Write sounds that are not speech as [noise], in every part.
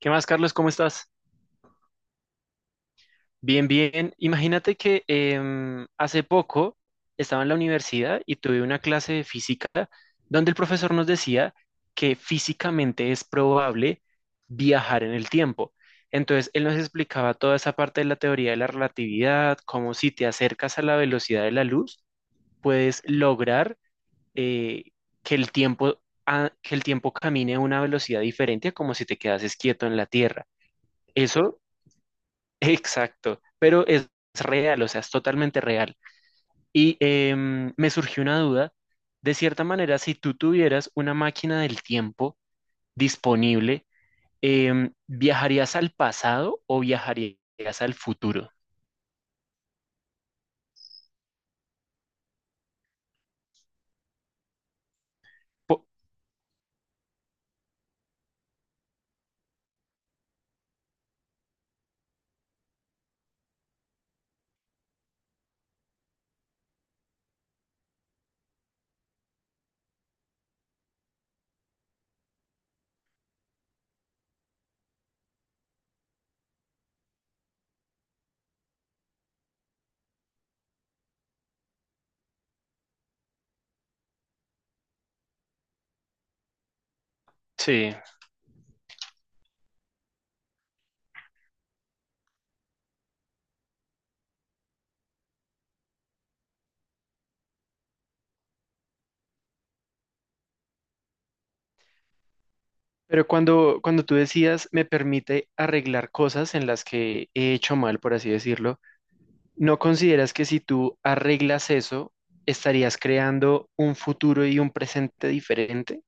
¿Qué más, Carlos? ¿Cómo estás? Bien, bien. Imagínate que hace poco estaba en la universidad y tuve una clase de física donde el profesor nos decía que físicamente es probable viajar en el tiempo. Entonces, él nos explicaba toda esa parte de la teoría de la relatividad, cómo si te acercas a la velocidad de la luz, puedes lograr eh, que el tiempo, que el tiempo camine a una velocidad diferente a como si te quedases quieto en la Tierra. Eso Exacto, pero es real, o sea, es totalmente real. Y me surgió una duda, de cierta manera, si tú tuvieras una máquina del tiempo disponible, ¿viajarías al pasado o viajarías al futuro? Po- sí, pero cuando tú decías, me permite arreglar cosas en las que he hecho mal, por así decirlo, ¿no consideras que si tú arreglas eso, estarías creando un futuro y un presente diferente?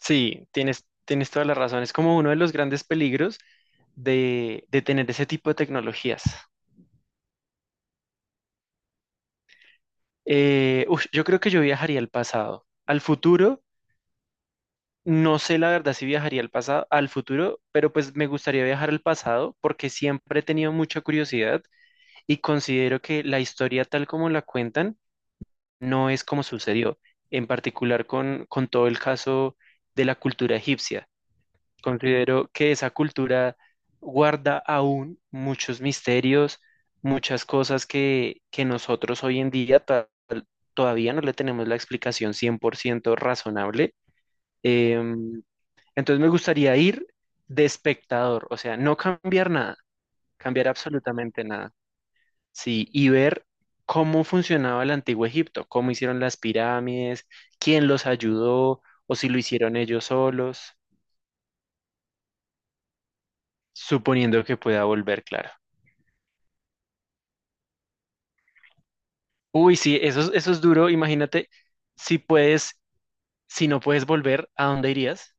Sí, tienes toda la razón. Es como uno de los grandes peligros de tener ese tipo de tecnologías. Ush, yo creo que yo viajaría al pasado. Al futuro, no sé la verdad si viajaría al pasado, al futuro, pero pues me gustaría viajar al pasado porque siempre he tenido mucha curiosidad y considero que la historia tal como la cuentan no es como sucedió, en particular con todo el caso de la cultura egipcia. Considero que esa cultura guarda aún muchos misterios, muchas cosas que nosotros hoy en día todavía no le tenemos la explicación 100% razonable. Em, entonces me gustaría ir de espectador, o sea, no cambiar nada, cambiar absolutamente nada, sí, y ver cómo funcionaba el antiguo Egipto, cómo hicieron las pirámides, quién los ayudó o si lo hicieron ellos solos, suponiendo que pueda volver, claro. Uy, sí, eso, eso es duro. Imagínate si puedes, si no puedes volver, ¿a dónde irías?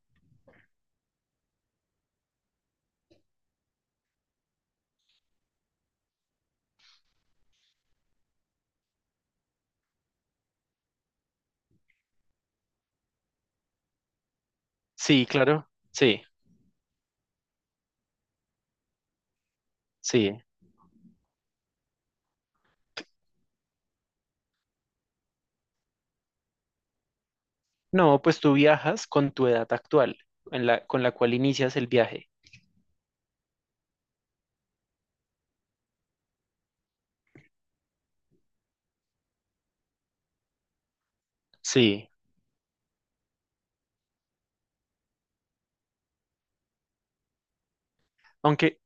Sí, claro. Sí, sí. No, pues tú viajas con tu edad actual, en la, con la cual inicias el viaje. Sí. Aunque,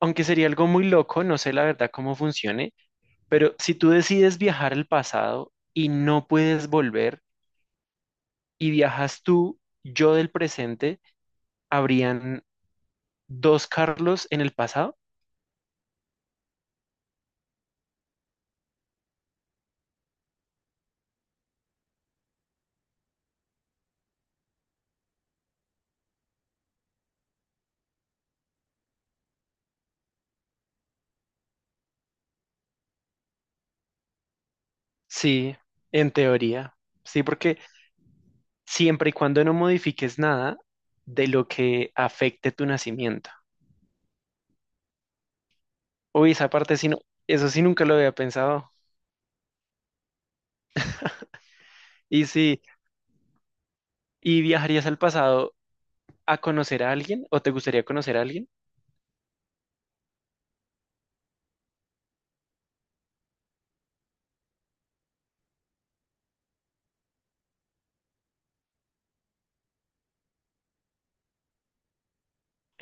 aunque sería algo muy loco, no sé la verdad cómo funcione, pero si tú decides viajar al pasado y no puedes volver y viajas tú, yo del presente, ¿habrían dos Carlos en el pasado? Sí, en teoría. Sí, porque siempre y cuando no modifiques nada de lo que afecte tu nacimiento. Uy, esa parte sí, no, eso sí nunca lo había pensado. Y si, ¿y viajarías al pasado a conocer a alguien o te gustaría conocer a alguien?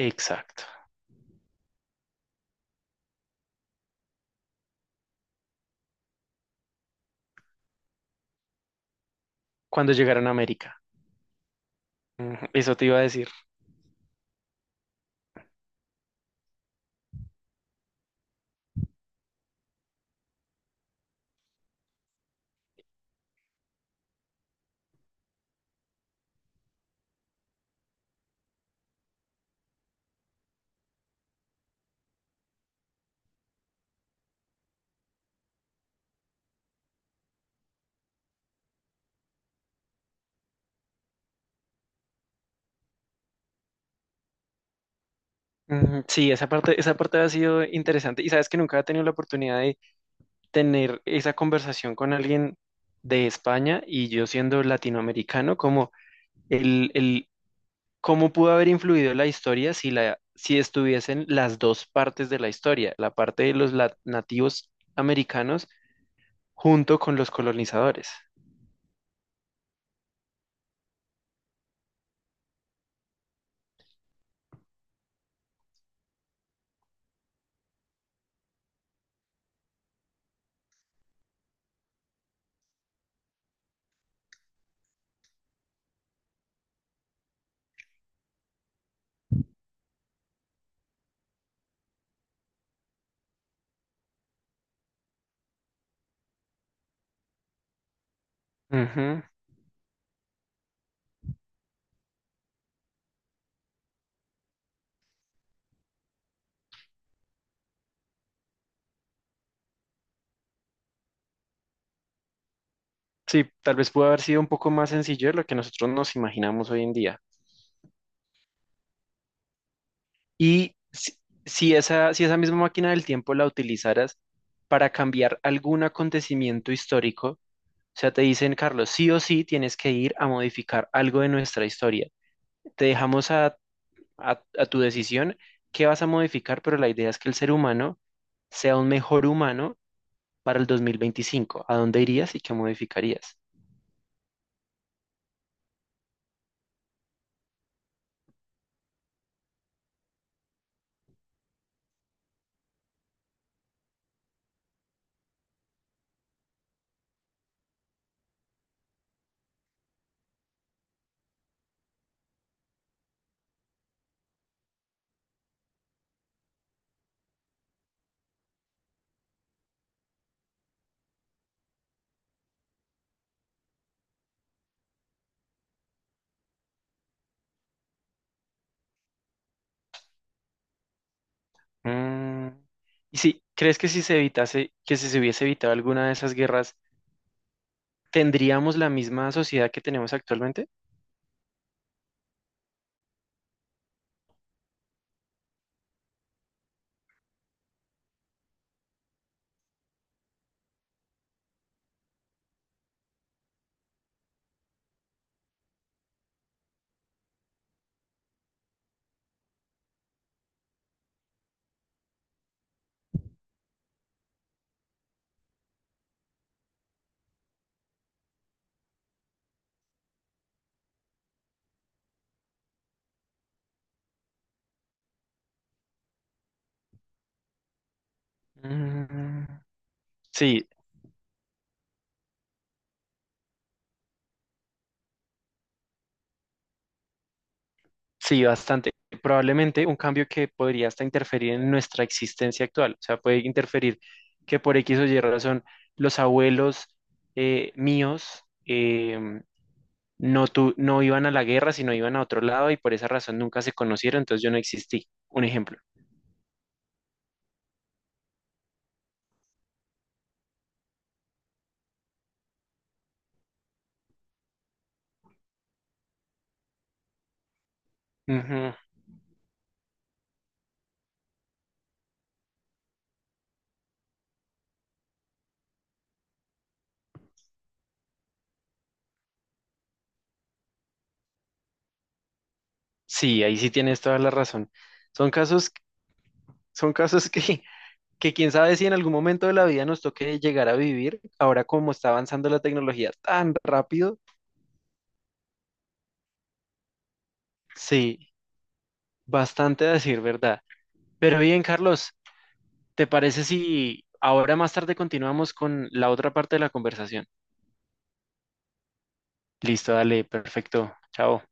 Exacto, cuando llegaron a América. Ujú, eso te iba a decir. Ujú, sí, esa parte ha sido interesante. Y sabes que nunca he tenido la oportunidad de tener esa conversación con alguien de España y yo siendo latinoamericano, como el ¿cómo pudo haber influido la historia si estuviesen las dos partes de la historia, la parte de los nativos americanos junto con los colonizadores? Ujú. Sí, tal vez pudo haber sido un poco más sencillo de lo que nosotros nos imaginamos hoy en día. Y si, si esa misma máquina del tiempo la utilizaras para cambiar algún acontecimiento histórico, o sea, te dicen, Carlos, sí o sí tienes que ir a modificar algo de nuestra historia. Te dejamos a tu decisión qué vas a modificar, pero la idea es que el ser humano sea un mejor humano para el 2025. ¿A dónde irías y qué modificarías? Mm, y si crees que si se evitase, que si se hubiese evitado alguna de esas guerras, ¿tendríamos la misma sociedad que tenemos actualmente? Mm, sí, sí, bastante. Probablemente un cambio que podría hasta interferir en nuestra existencia actual. O sea, puede interferir que por X o Y razón los abuelos míos no, no iban a la guerra, sino iban a otro lado y por esa razón nunca se conocieron, entonces yo no existí. Un ejemplo. Ujú. Sí, ahí sí tienes toda la razón. Son casos, son casos [laughs] que quién sabe si en algún momento de la vida nos toque llegar a vivir. Ahora como está avanzando la tecnología tan rápido, sí. Bastante a decir verdad. Pero bien, Carlos, ¿te parece si ahora más tarde continuamos con la otra parte de la conversación? Listo, dale, perfecto. Chao.